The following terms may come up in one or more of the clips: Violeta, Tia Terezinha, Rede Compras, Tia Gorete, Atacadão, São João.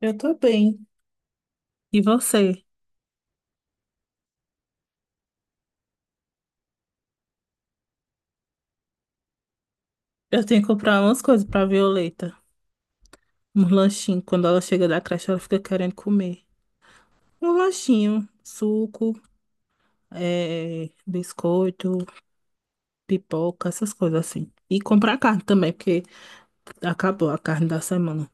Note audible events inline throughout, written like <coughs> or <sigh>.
Eu tô bem. E você? Eu tenho que comprar umas coisas pra Violeta. Um lanchinho. Quando ela chega da creche, ela fica querendo comer. Um lanchinho, suco, biscoito, pipoca, essas coisas assim. E comprar carne também, porque acabou a carne da semana.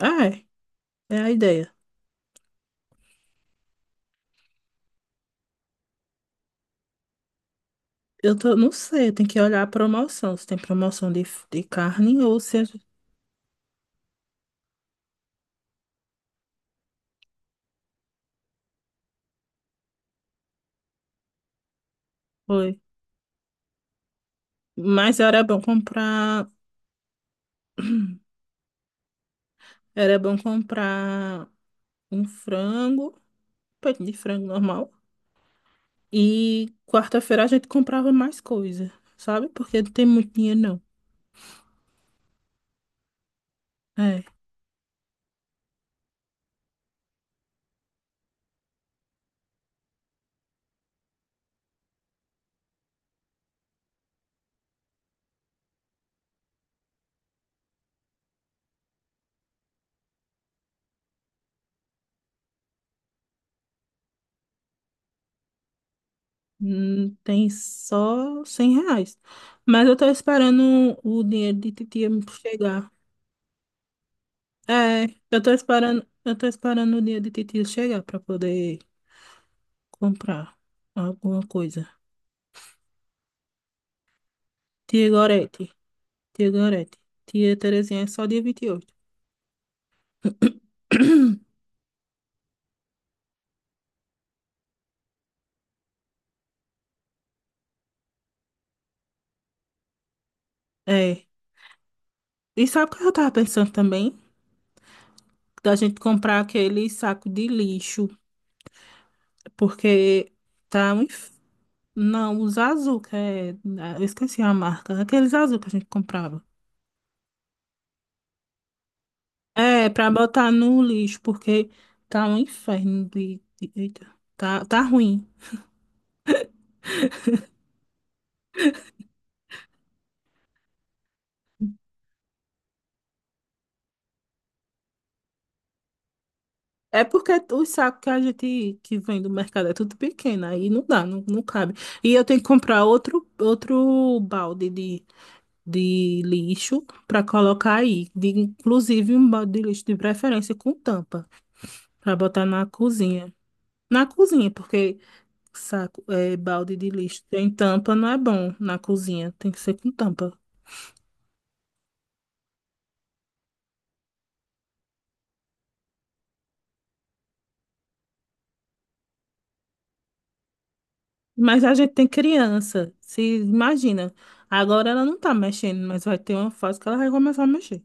Ah, é. É a ideia. Eu tô, não sei, eu tenho que olhar a promoção. Se tem promoção de carne ou se a gente foi. Mas era bom comprar. Era bom comprar um frango, peito de frango normal. E quarta-feira a gente comprava mais coisa, sabe? Porque não tem muito dinheiro, não. É, tem só R$ 100. Mas eu tô esperando o dinheiro de titia chegar. É, eu tô esperando, o dinheiro de titia chegar pra poder comprar alguma coisa. Tia Gorete, tia Gorete, tia Terezinha é só dia 28. <coughs> <clears throat> É. E sabe o que eu tava pensando também? Da gente comprar aquele saco de lixo. Porque tá um... Não, os azul, que é... eu esqueci a marca. Aqueles azul que a gente comprava. É, pra botar no lixo, porque tá um inferno de... Eita, tá ruim. É porque os sacos que a gente que vem do mercado é tudo pequeno, aí não dá, não cabe. E eu tenho que comprar outro balde de lixo para colocar aí. Inclusive um balde de lixo, de preferência com tampa, para botar na cozinha. Na cozinha, porque saco, é, balde de lixo. Tem tampa, não é bom na cozinha. Tem que ser com tampa. Mas a gente tem criança. Se imagina. Agora ela não tá mexendo, mas vai ter uma fase que ela vai começar a mexer.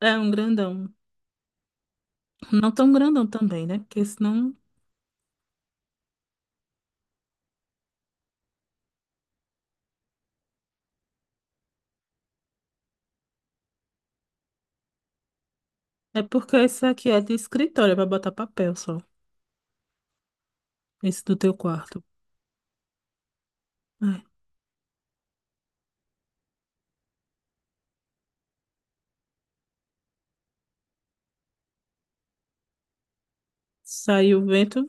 É um grandão. Não tão grandão também, né? Porque senão. É porque esse aqui é de escritório, é pra botar papel só. Esse do teu quarto. É. Saiu o vento,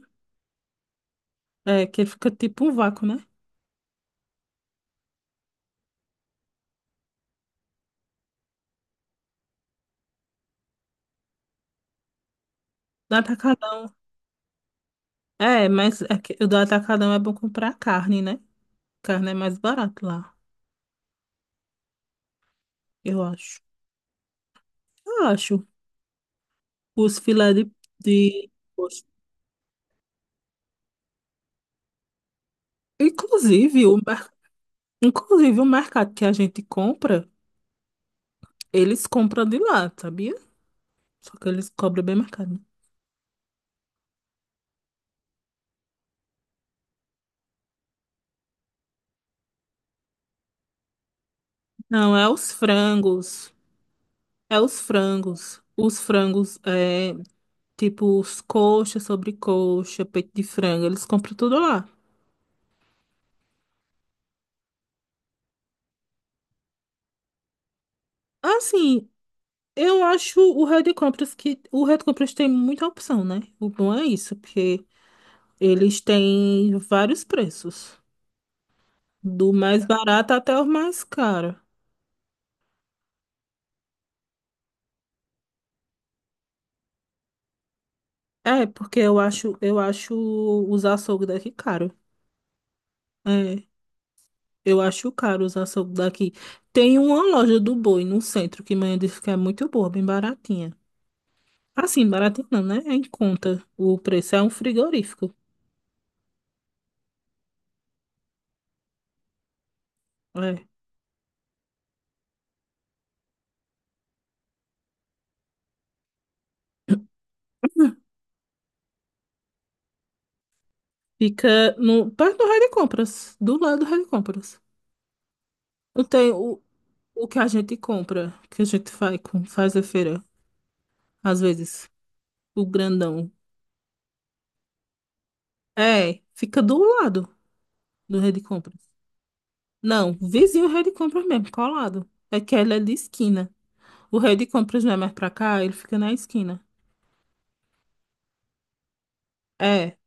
é que fica tipo um vácuo, né? Do Atacadão. É, mas é que o do Atacadão é bom comprar carne, né? Carne é mais barato lá, eu acho. Acho. Os filé de... poxa. Inclusive, inclusive, o mercado que a gente compra, eles compram de lá, sabia? Só que eles cobram bem mais caro, né? Não, é os frangos. É os frangos. Os frangos, é, tipo, os coxa, sobrecoxa, peito de frango, eles compram tudo lá. Assim, eu acho o Red Compras que... o Red Compras tem muita opção, né? O bom é isso, porque eles têm vários preços. Do mais barato até o mais caro. É, porque eu acho os açougues daqui caro. É, eu acho caro os açougues daqui. Tem uma loja do boi no centro que mãe disse que é muito boa, bem baratinha. Assim, baratinha não, né? É em conta. O preço é um frigorífico. É. Fica no, perto do Rei de Compras, do lado do Rei de Compras. Não tem o que a gente compra, que a gente faz a feira, às vezes, o grandão. É, fica do lado. Do Rede Compras. Não, vizinho do Rede Compras mesmo, colado. É que ele é de esquina. O Rede Compras não é mais pra cá, ele fica na esquina. É,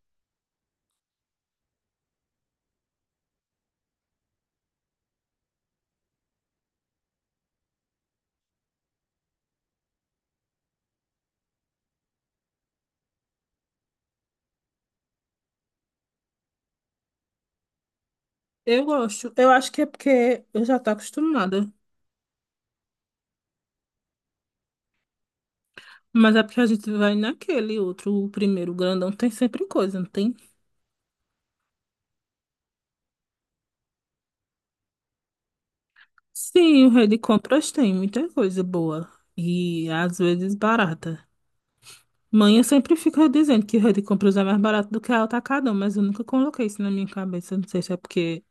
eu gosto. Eu acho que é porque eu já tô acostumada. Mas é porque a gente vai naquele outro, o primeiro grandão, tem sempre coisa, não tem? Sim, o Rede Compras tem muita coisa boa. E às vezes barata. Mãe sempre fica dizendo que o Rede Compras é mais barato do que a Atacadão, mas eu nunca coloquei isso na minha cabeça. Não sei se é porque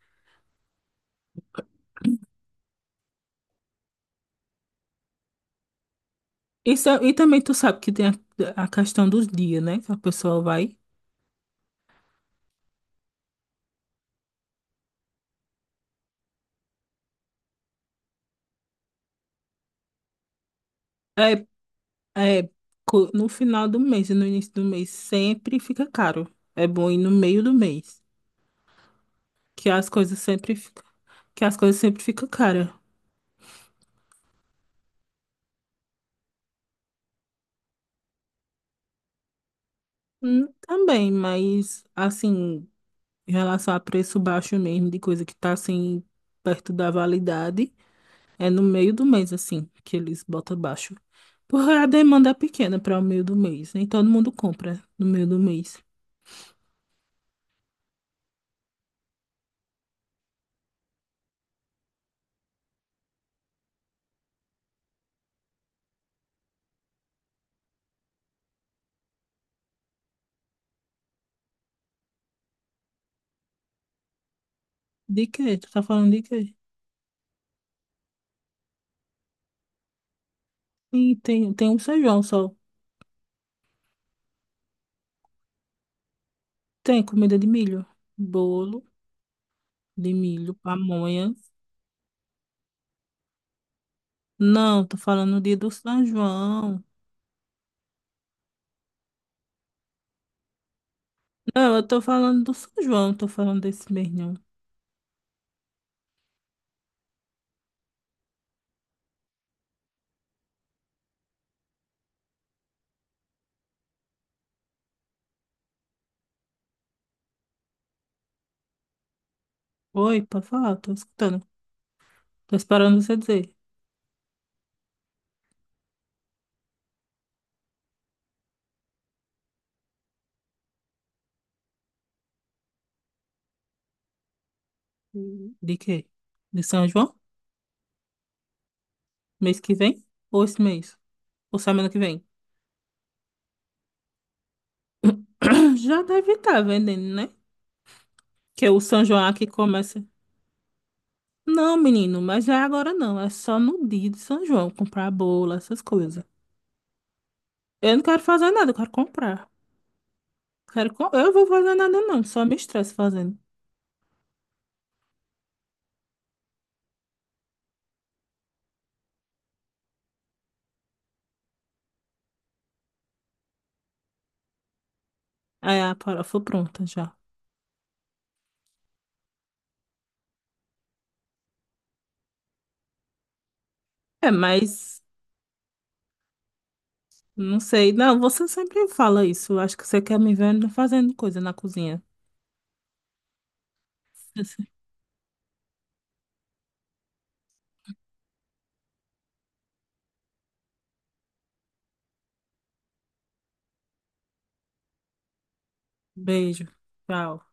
isso, e também tu sabe que tem a questão dos dias, né? Que a pessoa vai. É, é, no final do mês e no início do mês sempre fica caro. É bom ir no meio do mês, que as coisas que as coisas sempre ficam caras. Também, mas assim, em relação a preço baixo mesmo, de coisa que tá assim, perto da validade, é no meio do mês, assim, que eles botam baixo. Porque a demanda é pequena para o meio do mês, nem todo mundo compra no meio do mês. De quê? Tu tá falando de quê? E tem, tem um feijão só. Tem comida de milho. Bolo de milho, pamonha. Não, tô falando do dia do São João. Não, eu tô falando do São João, tô falando desse mês, não. Oi, pode falar, tô escutando. Tô esperando você dizer. Hum. De quê? De São João? Mês que vem? Ou esse mês? Ou semana que vem? <clears throat> Já deve estar vendendo, né? Que o São João aqui começa. Não, menino, mas é agora não. É só no dia de São João comprar bolo, essas coisas. Eu não quero fazer nada, eu quero comprar. Eu vou fazer nada, não. Só me estresse fazendo. Aí a farofa pronta já. É, mas não sei. Não, você sempre fala isso. Eu acho que você quer me ver fazendo coisa na cozinha. <laughs> Beijo. Tchau.